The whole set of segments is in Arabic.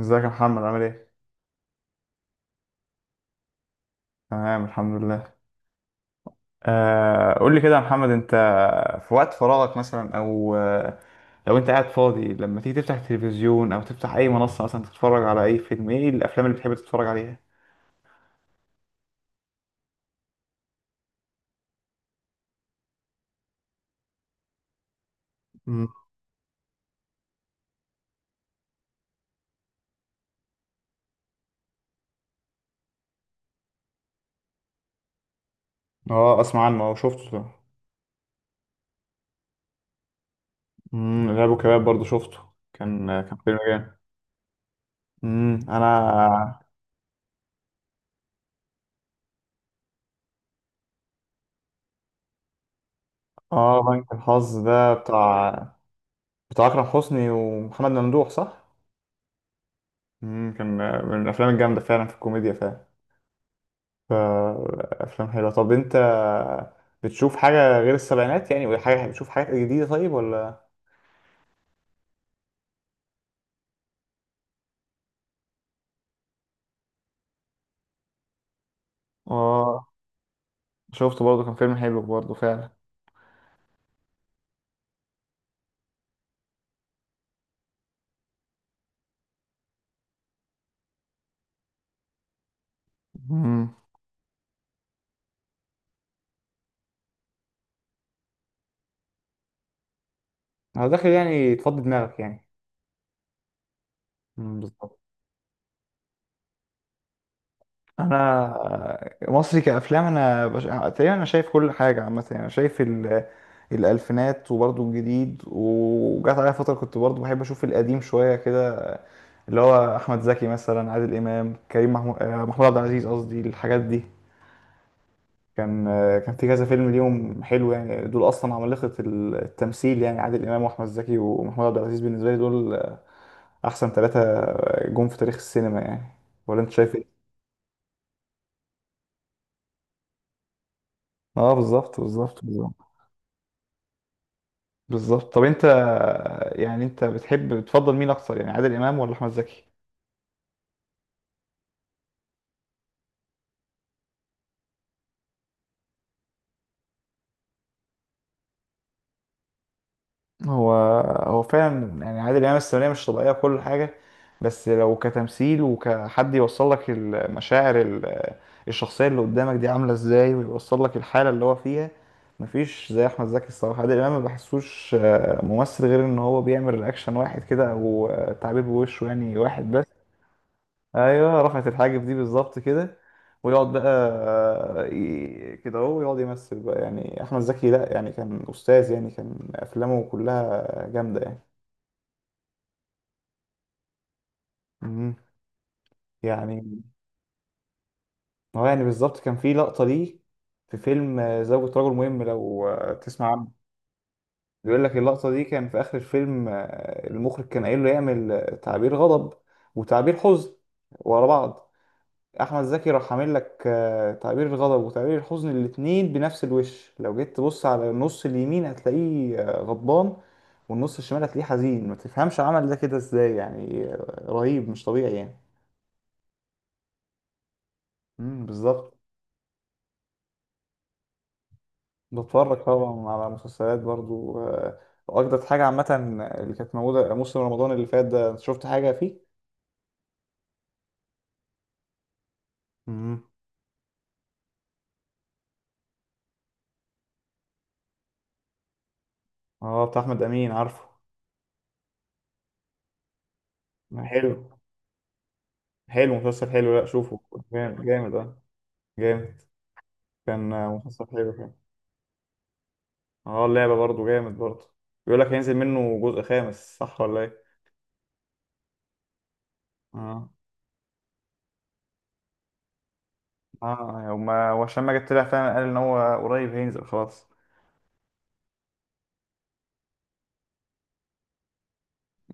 ازيك يا محمد، عامل ايه؟ تمام، الحمد لله. قول لي كده يا محمد، انت في وقت فراغك مثلا او لو انت قاعد فاضي لما تيجي تفتح التلفزيون او تفتح اي منصة مثلا تتفرج على اي فيلم، ايه الافلام اللي بتحب تتفرج عليها؟ مم. اه، اسمع عنه، اه شفته طبعا. الارهاب والكباب برضه شفته. كان فيلم جامد. انا. اه، بنك الحظ ده بتاع اكرم حسني ومحمد ممدوح، صح؟ كان، من الافلام الجامدة فعلا في الكوميديا فعلا. فأفلام حلوة. طب أنت بتشوف حاجة غير السبعينات يعني؟ ولا حاجة بتشوف حاجات جديدة طيب؟ ولا اه، شفته برضه، كان فيلم حلو برضه فعلا. مم. أنا داخل يعني تفضي دماغك يعني. مم، بالظبط. انا مصري، كافلام انا تقريبا انا شايف كل حاجه عامه، يعني انا شايف الالفينات، وبرضه الجديد. وجات عليا فتره كنت برضه بحب اشوف القديم شويه كده، اللي هو احمد زكي مثلا، عادل امام، كريم محمود، محمود عبد العزيز قصدي، الحاجات دي. كان كان في كذا فيلم ليهم حلو يعني. دول اصلا عمالقه التمثيل يعني. عادل امام واحمد زكي ومحمود عبد العزيز، بالنسبه لي دول احسن ثلاثه جم في تاريخ السينما يعني. ولا انت شايف ايه؟ اه، بالظبط، بالظبط، بالظبط. بالظبط، طب انت يعني انت بتحب، بتفضل مين اكتر، يعني عادل امام ولا احمد زكي؟ هو هو فعلا يعني عادل امام السينمائية مش طبيعية في كل حاجة. بس لو كتمثيل، وكحد يوصل لك المشاعر، الشخصية اللي قدامك دي عاملة ازاي، ويوصل لك الحالة اللي هو فيها، مفيش زي احمد زكي الصراحة. عادل امام ما بحسوش ممثل، غير ان هو بيعمل رياكشن واحد كده، او تعبير بوشه يعني واحد بس. ايوه، رفعت الحاجب دي بالظبط كده ويقعد بقى، كده اهو يقعد يمثل بقى. يعني احمد زكي لا يعني كان استاذ يعني، كان افلامه كلها جامده يعني. مم. يعني هو يعني بالظبط، كان في لقطه ليه في فيلم زوجة رجل مهم، لو تسمع عنه. بيقول لك، اللقطه دي كان في اخر الفيلم، المخرج كان قايل له يعمل تعبير غضب، وتعبير حزن، ورا بعض. احمد زكي راح عامل لك تعبير الغضب وتعبير الحزن، الاتنين بنفس الوش. لو جيت تبص على النص اليمين هتلاقيه غضبان، والنص الشمال هتلاقيه حزين. ما تفهمش عمل ده كده ازاي يعني، رهيب، مش طبيعي يعني. بالظبط. بتفرج طبعا على مسلسلات برضو. واجدد حاجة عامة اللي كانت موجودة موسم رمضان اللي فات ده، شفت حاجة فيه؟ امم. اه، بتاع احمد امين، عارفه؟ عارف، حلو، حلو، مسلسل حلو. لا شوفه، جامد، جامد، اه، جامد. كان مسلسل حلو. اه، اللعبة برضه جامد برضه. بيقول لك هينزل منه جزء خامس، صح ولا ايه؟ اه، اه، هما وعشان ما جت طلع فعلا، قال ان هو قريب هينزل خلاص.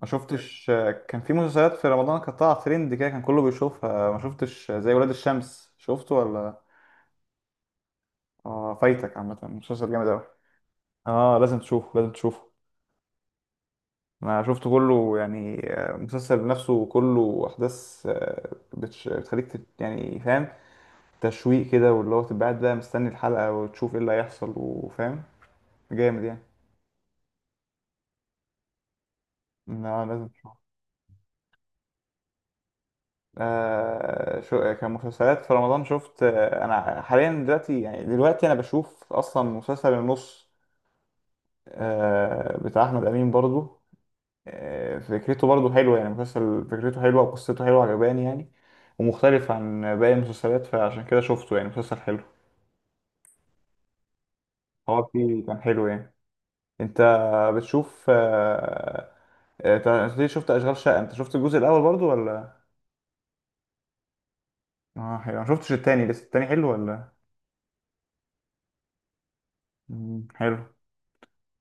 ما شفتش، كان في مسلسلات في رمضان كانت طالعة ترند كده، كان كله بيشوفها. ما شفتش زي ولاد الشمس، شفته ولا؟ اه، فايتك عامة مسلسل جامد اوي. اه، لازم تشوفه، لازم تشوفه. انا شفته كله يعني. المسلسل نفسه كله احداث، بتخليك يعني فاهم، تشويق كده. واللي هو تبقى قاعد بقى مستني الحلقة، وتشوف ايه اللي هيحصل وفاهم. جامد يعني. لا، لازم تشوف. شو كمسلسلات في رمضان شفت انا حاليا دلوقتي يعني، دلوقتي انا بشوف اصلا مسلسل النص. بتاع احمد امين برضو. فكرته برضو حلوه يعني. مسلسل فكرته حلوه وقصته حلوه، عجباني يعني، ومختلف عن باقي المسلسلات، فعشان كده شفته يعني، مسلسل حلو. هو فيه كان حلو يعني. انت بتشوف أنت ليه شفت اشغال شقه، انت شفت الجزء الاول برضو ولا؟ اه، حلو، ما شفتش التاني لسه، التاني حلو ولا؟ مم، حلو.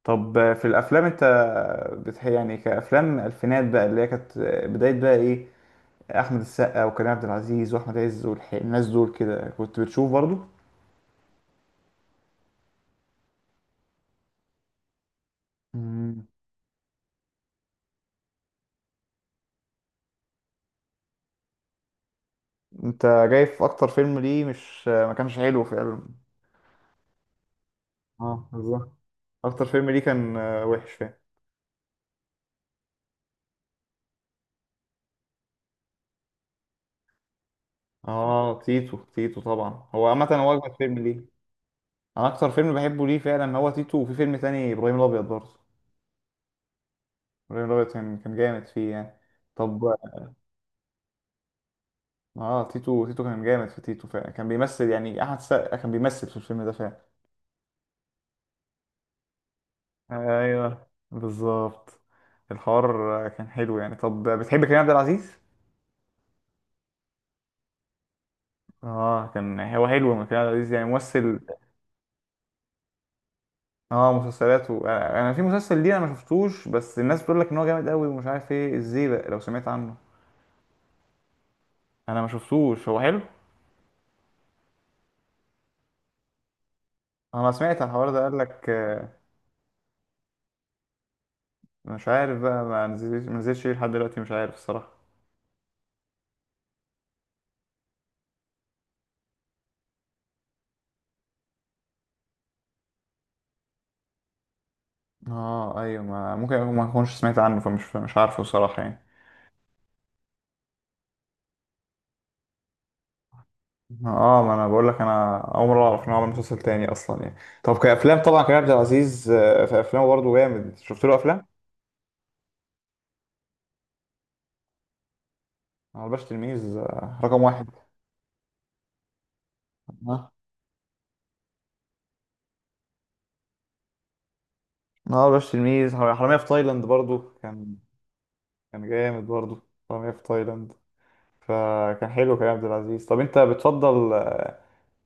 طب، في الافلام انت يعني، كافلام الفينات بقى، اللي هي كانت، بدايه بقى ايه، احمد السقا وكريم عبد العزيز واحمد عز والناس دول كده، كنت بتشوف برضو؟ مم. انت جايب اكتر فيلم ليه مش، ما كانش حلو فعلا. اه، بالظبط، اكتر فيلم ليه كان وحش فعلا. اه، تيتو، تيتو طبعا، هو عامة هو أجمل فيلم ليه. أنا أكتر فيلم بحبه ليه فعلا هو تيتو، وفي فيلم تاني، إبراهيم الأبيض برضه. إبراهيم الأبيض، كان جامد فيه يعني. طب، اه، تيتو، تيتو كان جامد في تيتو فعلا، كان بيمثل يعني. أحمد السقا كان بيمثل في الفيلم ده فعلا. ايوه، بالظبط. الحوار كان حلو يعني. طب، بتحب كريم عبد العزيز؟ اه، كان هو حلو من كريم عبد العزيز يعني ممثل. اه، مسلسلاته، انا في مسلسل ليه انا ما شفتوش، بس الناس بتقول لك ان هو جامد قوي ومش عارف ايه ازاي بقى، لو سمعت عنه. انا ما شفتوش، هو حلو؟ انا سمعت عن الحوار ده، قال لك، مش عارف بقى ما نزلش، ما نزلش ليه لحد دلوقتي، مش عارف الصراحه. اه، ايوه، ما ممكن ما اكونش سمعت عنه، فمش، مش عارفه الصراحه يعني. اه، ما انا بقول لك، انا اول مره اعرف ان هو عمل مسلسل تاني اصلا يعني. طب كافلام طبعا كريم عبد العزيز، في افلامه برضه جامد، شفت له افلام؟ أنا الباشا تلميذ رقم واحد. اه، الباشا تلميذ، حرامية في تايلاند برضه كان، كان جامد برضه، حرامية في تايلاند. فكان حلو كريم عبد العزيز. طب انت بتفضل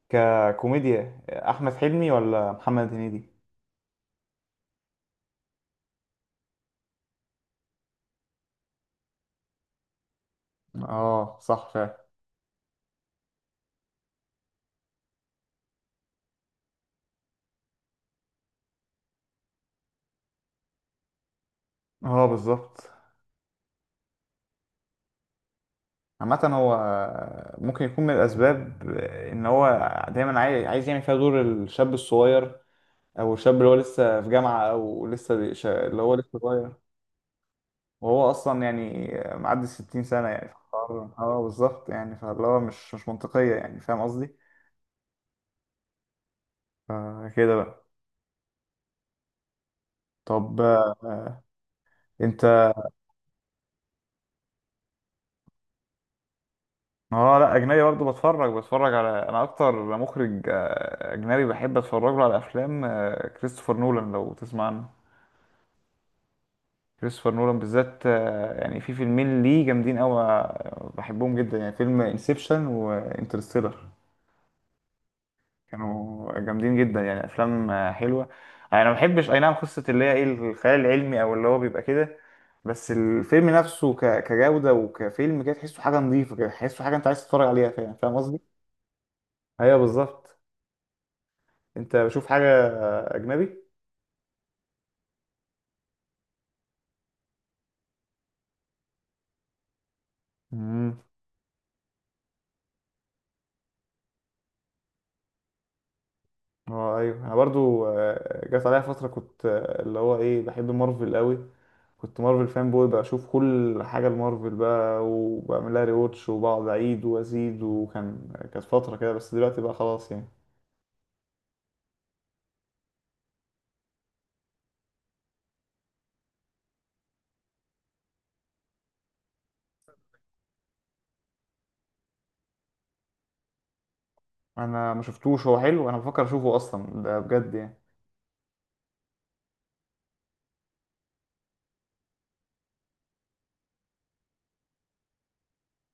ككوميديا احمد حلمي ولا محمد هنيدي؟ اه، صح فعلا. اه، بالظبط. عامة هو ممكن يكون من الأسباب إن هو دايما، عايز يعمل فيها دور الشاب الصغير، أو الشاب اللي هو لسه في جامعة، أو لسه اللي هو لسه صغير. وهو أصلا يعني معدي 60 سنة يعني. اه، بالظبط يعني، فاللي هو مش منطقية يعني، فاهم قصدي؟ فكده بقى. طب، أنت؟ اه، لا، اجنبي برضه بتفرج، بتفرج على، انا اكتر مخرج اجنبي بحب اتفرج له على افلام كريستوفر نولان، لو تسمع عنه. كريستوفر نولان بالذات، يعني في فيلمين ليه جامدين قوي، بحبهم جدا يعني، فيلم انسبشن وانترستيلر. كانوا جامدين جدا يعني، افلام حلوه. انا ما بحبش اي نعم قصه اللي هي ايه الخيال العلمي، او اللي هو بيبقى كده، بس الفيلم نفسه كجوده وكفيلم كده، تحسه حاجه نظيفه كده، تحسه حاجه انت عايز تتفرج عليها، فاهم، فاهم قصدي؟ ايوه، بالظبط. انت بشوف حاجة اجنبي؟ امم. اه، ايوه، انا برضو، جات عليا فترة كنت، اللي هو ايه، بحب مارفل قوي، كنت مارفل فان بوي، بشوف كل حاجة لمارفل بقى، وبعمل لها ريواتش، وبقعد اعيد وازيد، كانت فترة كده، بس دلوقتي بقى خلاص يعني. انا ما شفتوش، هو حلو، انا بفكر اشوفه اصلا ده بجد يعني.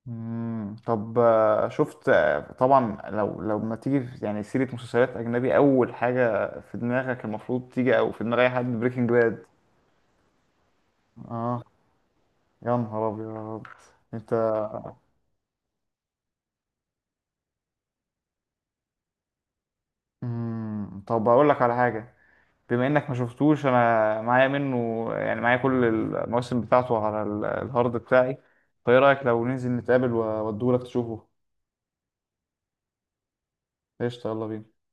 طب، شفت، طبعا لو ما تيجي يعني سيرة مسلسلات اجنبي، اول حاجة في دماغك المفروض تيجي او في دماغ اي حد، بريكنج باد. اه. يا نهار ابيض، انت. مم. طب اقول لك على حاجه، بما انك ما شفتوش، انا معايا منه يعني، معايا كل المواسم بتاعته على الهارد بتاعي. فايه رايك لو ننزل نتقابل واوديه لك تشوفه؟ قشطه، يلا بينا.